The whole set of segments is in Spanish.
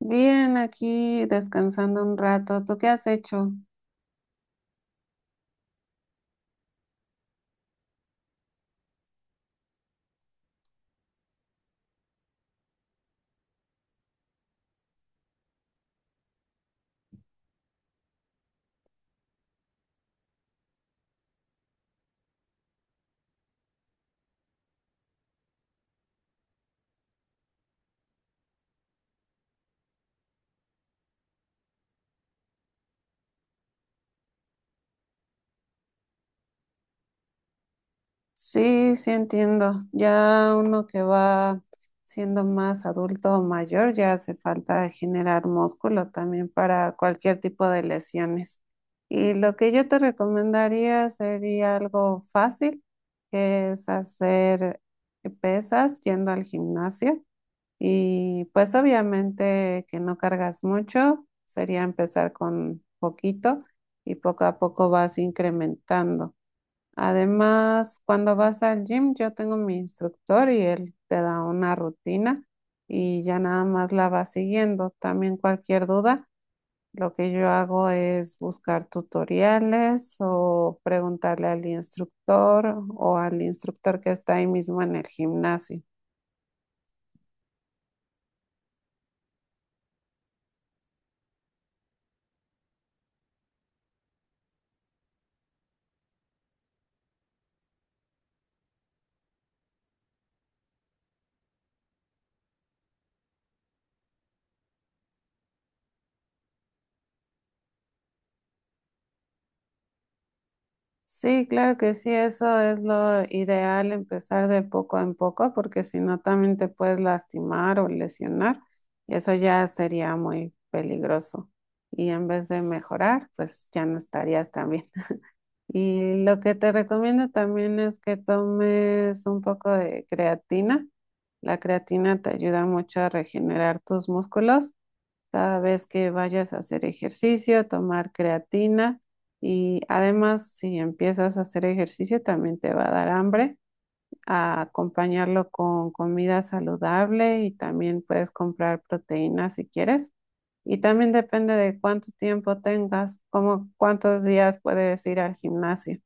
Bien, aquí descansando un rato. ¿Tú qué has hecho? Sí, sí entiendo. Ya uno que va siendo más adulto o mayor, ya hace falta generar músculo también para cualquier tipo de lesiones. Y lo que yo te recomendaría sería algo fácil, que es hacer pesas yendo al gimnasio. Y pues obviamente que no cargas mucho, sería empezar con poquito y poco a poco vas incrementando. Además, cuando vas al gym, yo tengo mi instructor y él te da una rutina y ya nada más la vas siguiendo. También cualquier duda, lo que yo hago es buscar tutoriales o preguntarle al instructor o al instructor que está ahí mismo en el gimnasio. Sí, claro que sí, eso es lo ideal, empezar de poco en poco, porque si no también te puedes lastimar o lesionar, y eso ya sería muy peligroso. Y en vez de mejorar, pues ya no estarías tan bien. Y lo que te recomiendo también es que tomes un poco de creatina. La creatina te ayuda mucho a regenerar tus músculos cada vez que vayas a hacer ejercicio, tomar creatina y además si empiezas a hacer ejercicio también te va a dar hambre, a acompañarlo con comida saludable y también puedes comprar proteínas si quieres. Y también depende de cuánto tiempo tengas, como cuántos días puedes ir al gimnasio.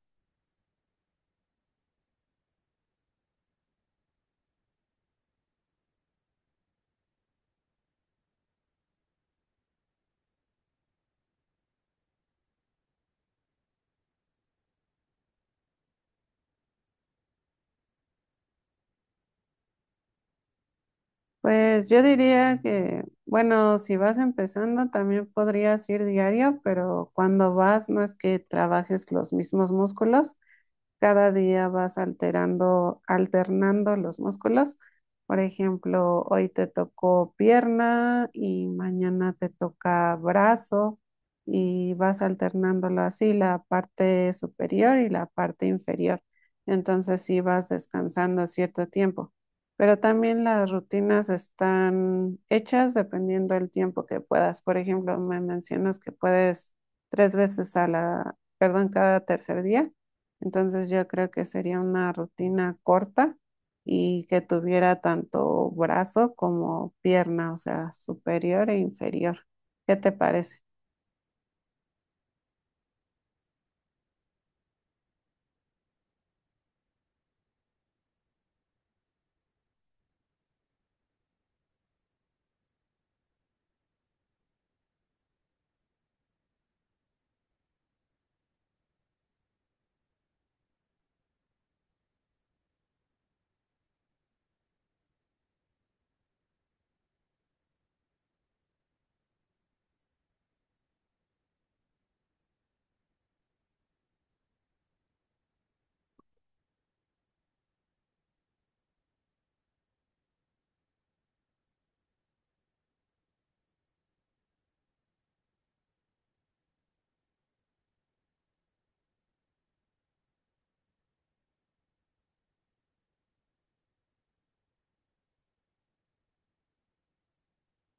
Pues yo diría que, bueno, si vas empezando también podrías ir diario, pero cuando vas no es que trabajes los mismos músculos. Cada día vas alternando los músculos. Por ejemplo, hoy te tocó pierna y mañana te toca brazo y vas alternándolo así, la parte superior y la parte inferior. Entonces sí vas descansando cierto tiempo. Pero también las rutinas están hechas dependiendo del tiempo que puedas. Por ejemplo, me mencionas que puedes tres veces a la, perdón, cada tercer día. Entonces yo creo que sería una rutina corta y que tuviera tanto brazo como pierna, o sea, superior e inferior. ¿Qué te parece?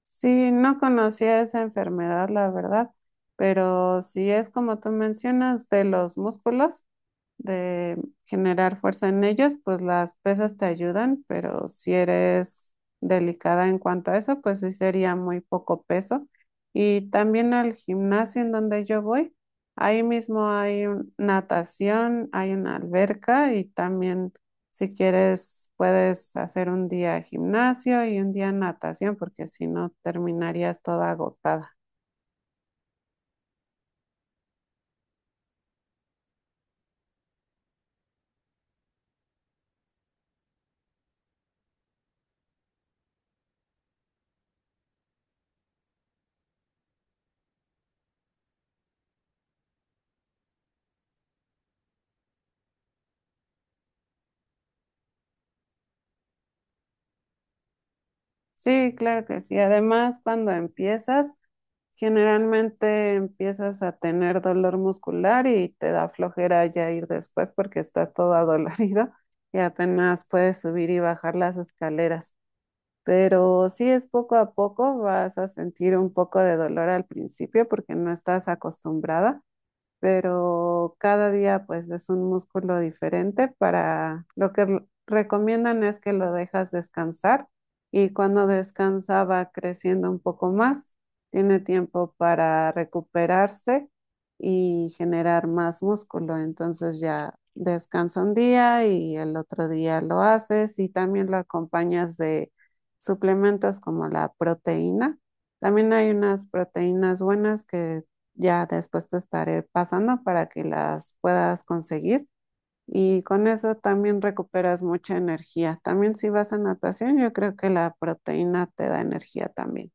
Sí, no conocía esa enfermedad, la verdad, pero sí es como tú mencionas, de los músculos, de generar fuerza en ellos, pues las pesas te ayudan, pero si eres delicada en cuanto a eso, pues sí sería muy poco peso. Y también al gimnasio en donde yo voy, ahí mismo hay natación, hay una alberca y también si quieres, puedes hacer un día gimnasio y un día natación, porque si no, terminarías toda agotada. Sí, claro que sí. Además, cuando empiezas, generalmente empiezas a tener dolor muscular y te da flojera ya ir después porque estás toda dolorido y apenas puedes subir y bajar las escaleras. Pero sí es poco a poco, vas a sentir un poco de dolor al principio porque no estás acostumbrada, pero cada día pues es un músculo diferente. Para lo que recomiendan es que lo dejas descansar y cuando descansa va creciendo un poco más, tiene tiempo para recuperarse y generar más músculo, entonces ya descansa un día y el otro día lo haces y también lo acompañas de suplementos como la proteína. También hay unas proteínas buenas que ya después te estaré pasando para que las puedas conseguir y con eso también recuperas mucha energía. También si vas a natación, yo creo que la proteína te da energía también.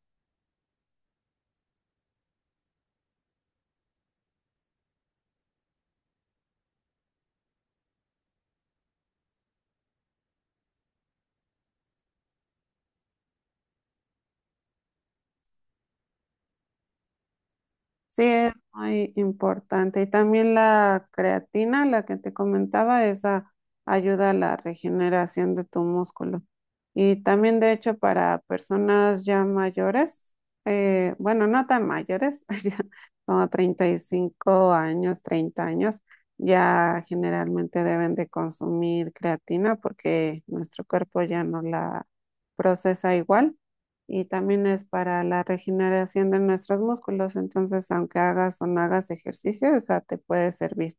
Sí, es muy importante. Y también la creatina, la que te comentaba, esa ayuda a la regeneración de tu músculo. Y también, de hecho, para personas ya mayores, bueno, no tan mayores, ya como 35 años, 30 años, ya generalmente deben de consumir creatina porque nuestro cuerpo ya no la procesa igual y también es para la regeneración de nuestros músculos. Entonces, aunque hagas o no hagas ejercicio, esa te puede servir.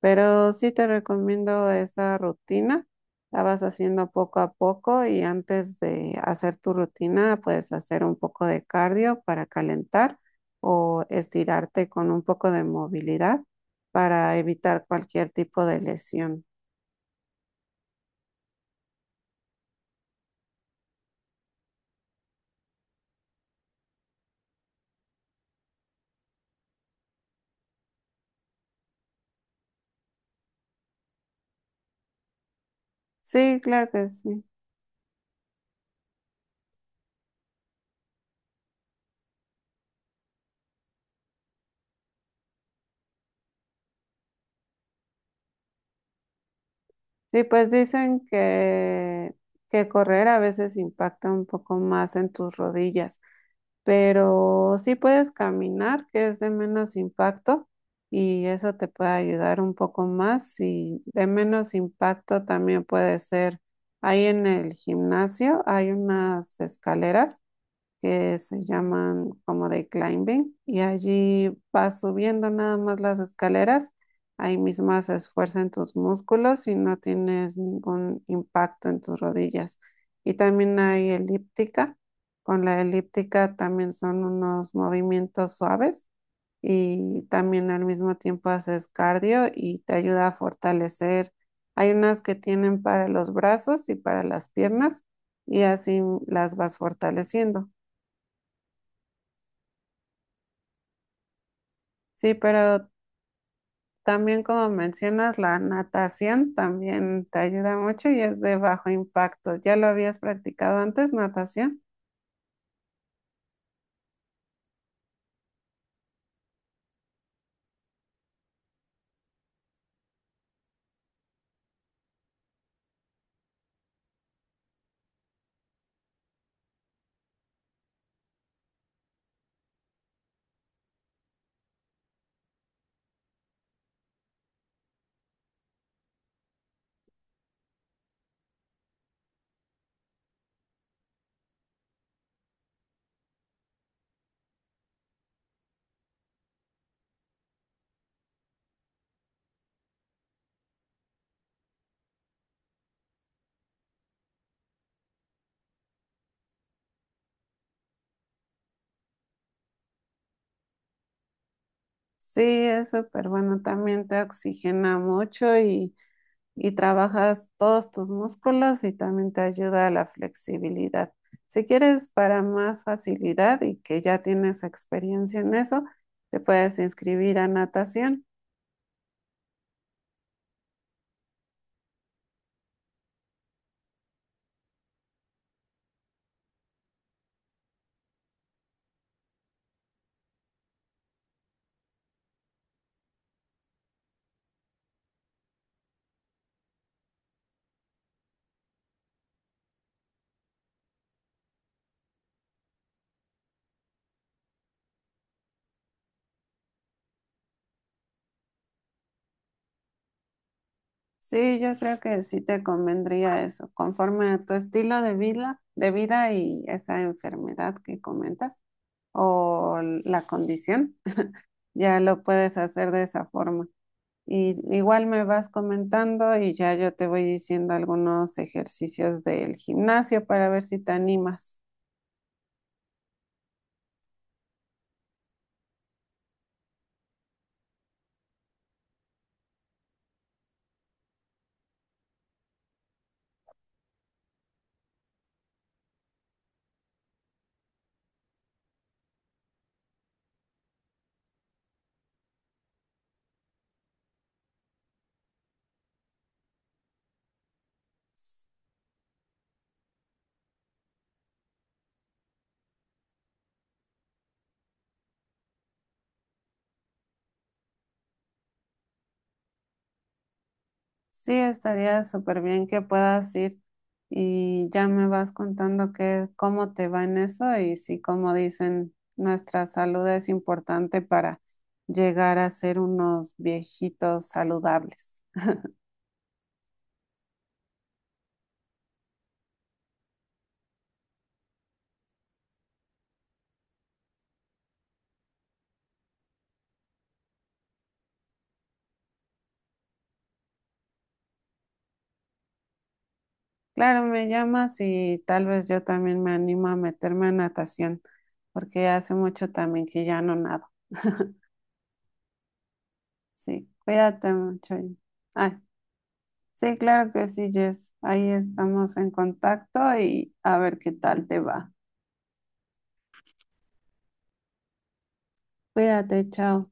Pero sí te recomiendo esa rutina. La vas haciendo poco a poco y antes de hacer tu rutina, puedes hacer un poco de cardio para calentar o estirarte con un poco de movilidad para evitar cualquier tipo de lesión. Sí, claro que sí. Sí, pues dicen que, correr a veces impacta un poco más en tus rodillas, pero sí puedes caminar, que es de menos impacto, y eso te puede ayudar un poco más. Y de menos impacto también puede ser, ahí en el gimnasio hay unas escaleras que se llaman como de climbing y allí vas subiendo nada más las escaleras, ahí mismo se esfuerzan tus músculos y no tienes ningún impacto en tus rodillas. Y también hay elíptica, con la elíptica también son unos movimientos suaves y también al mismo tiempo haces cardio y te ayuda a fortalecer. Hay unas que tienen para los brazos y para las piernas y así las vas fortaleciendo. Sí, pero también como mencionas, la natación también te ayuda mucho y es de bajo impacto. ¿Ya lo habías practicado antes, natación? Sí, es súper bueno, también te oxigena mucho y trabajas todos tus músculos y también te ayuda a la flexibilidad. Si quieres para más facilidad y que ya tienes experiencia en eso, te puedes inscribir a natación. Sí, yo creo que sí te convendría eso, conforme a tu estilo de vida, y esa enfermedad que comentas o la condición, ya lo puedes hacer de esa forma. Y igual me vas comentando y ya yo te voy diciendo algunos ejercicios del gimnasio para ver si te animas. Sí, estaría súper bien que puedas ir y ya me vas contando que, cómo te va en eso y si, como dicen, nuestra salud es importante para llegar a ser unos viejitos saludables. Claro, me llamas y tal vez yo también me animo a meterme a natación, porque hace mucho también que ya no nado. Sí, cuídate mucho. Ay, sí, claro que sí, Jess. Ahí estamos en contacto y a ver qué tal te va. Cuídate, chao.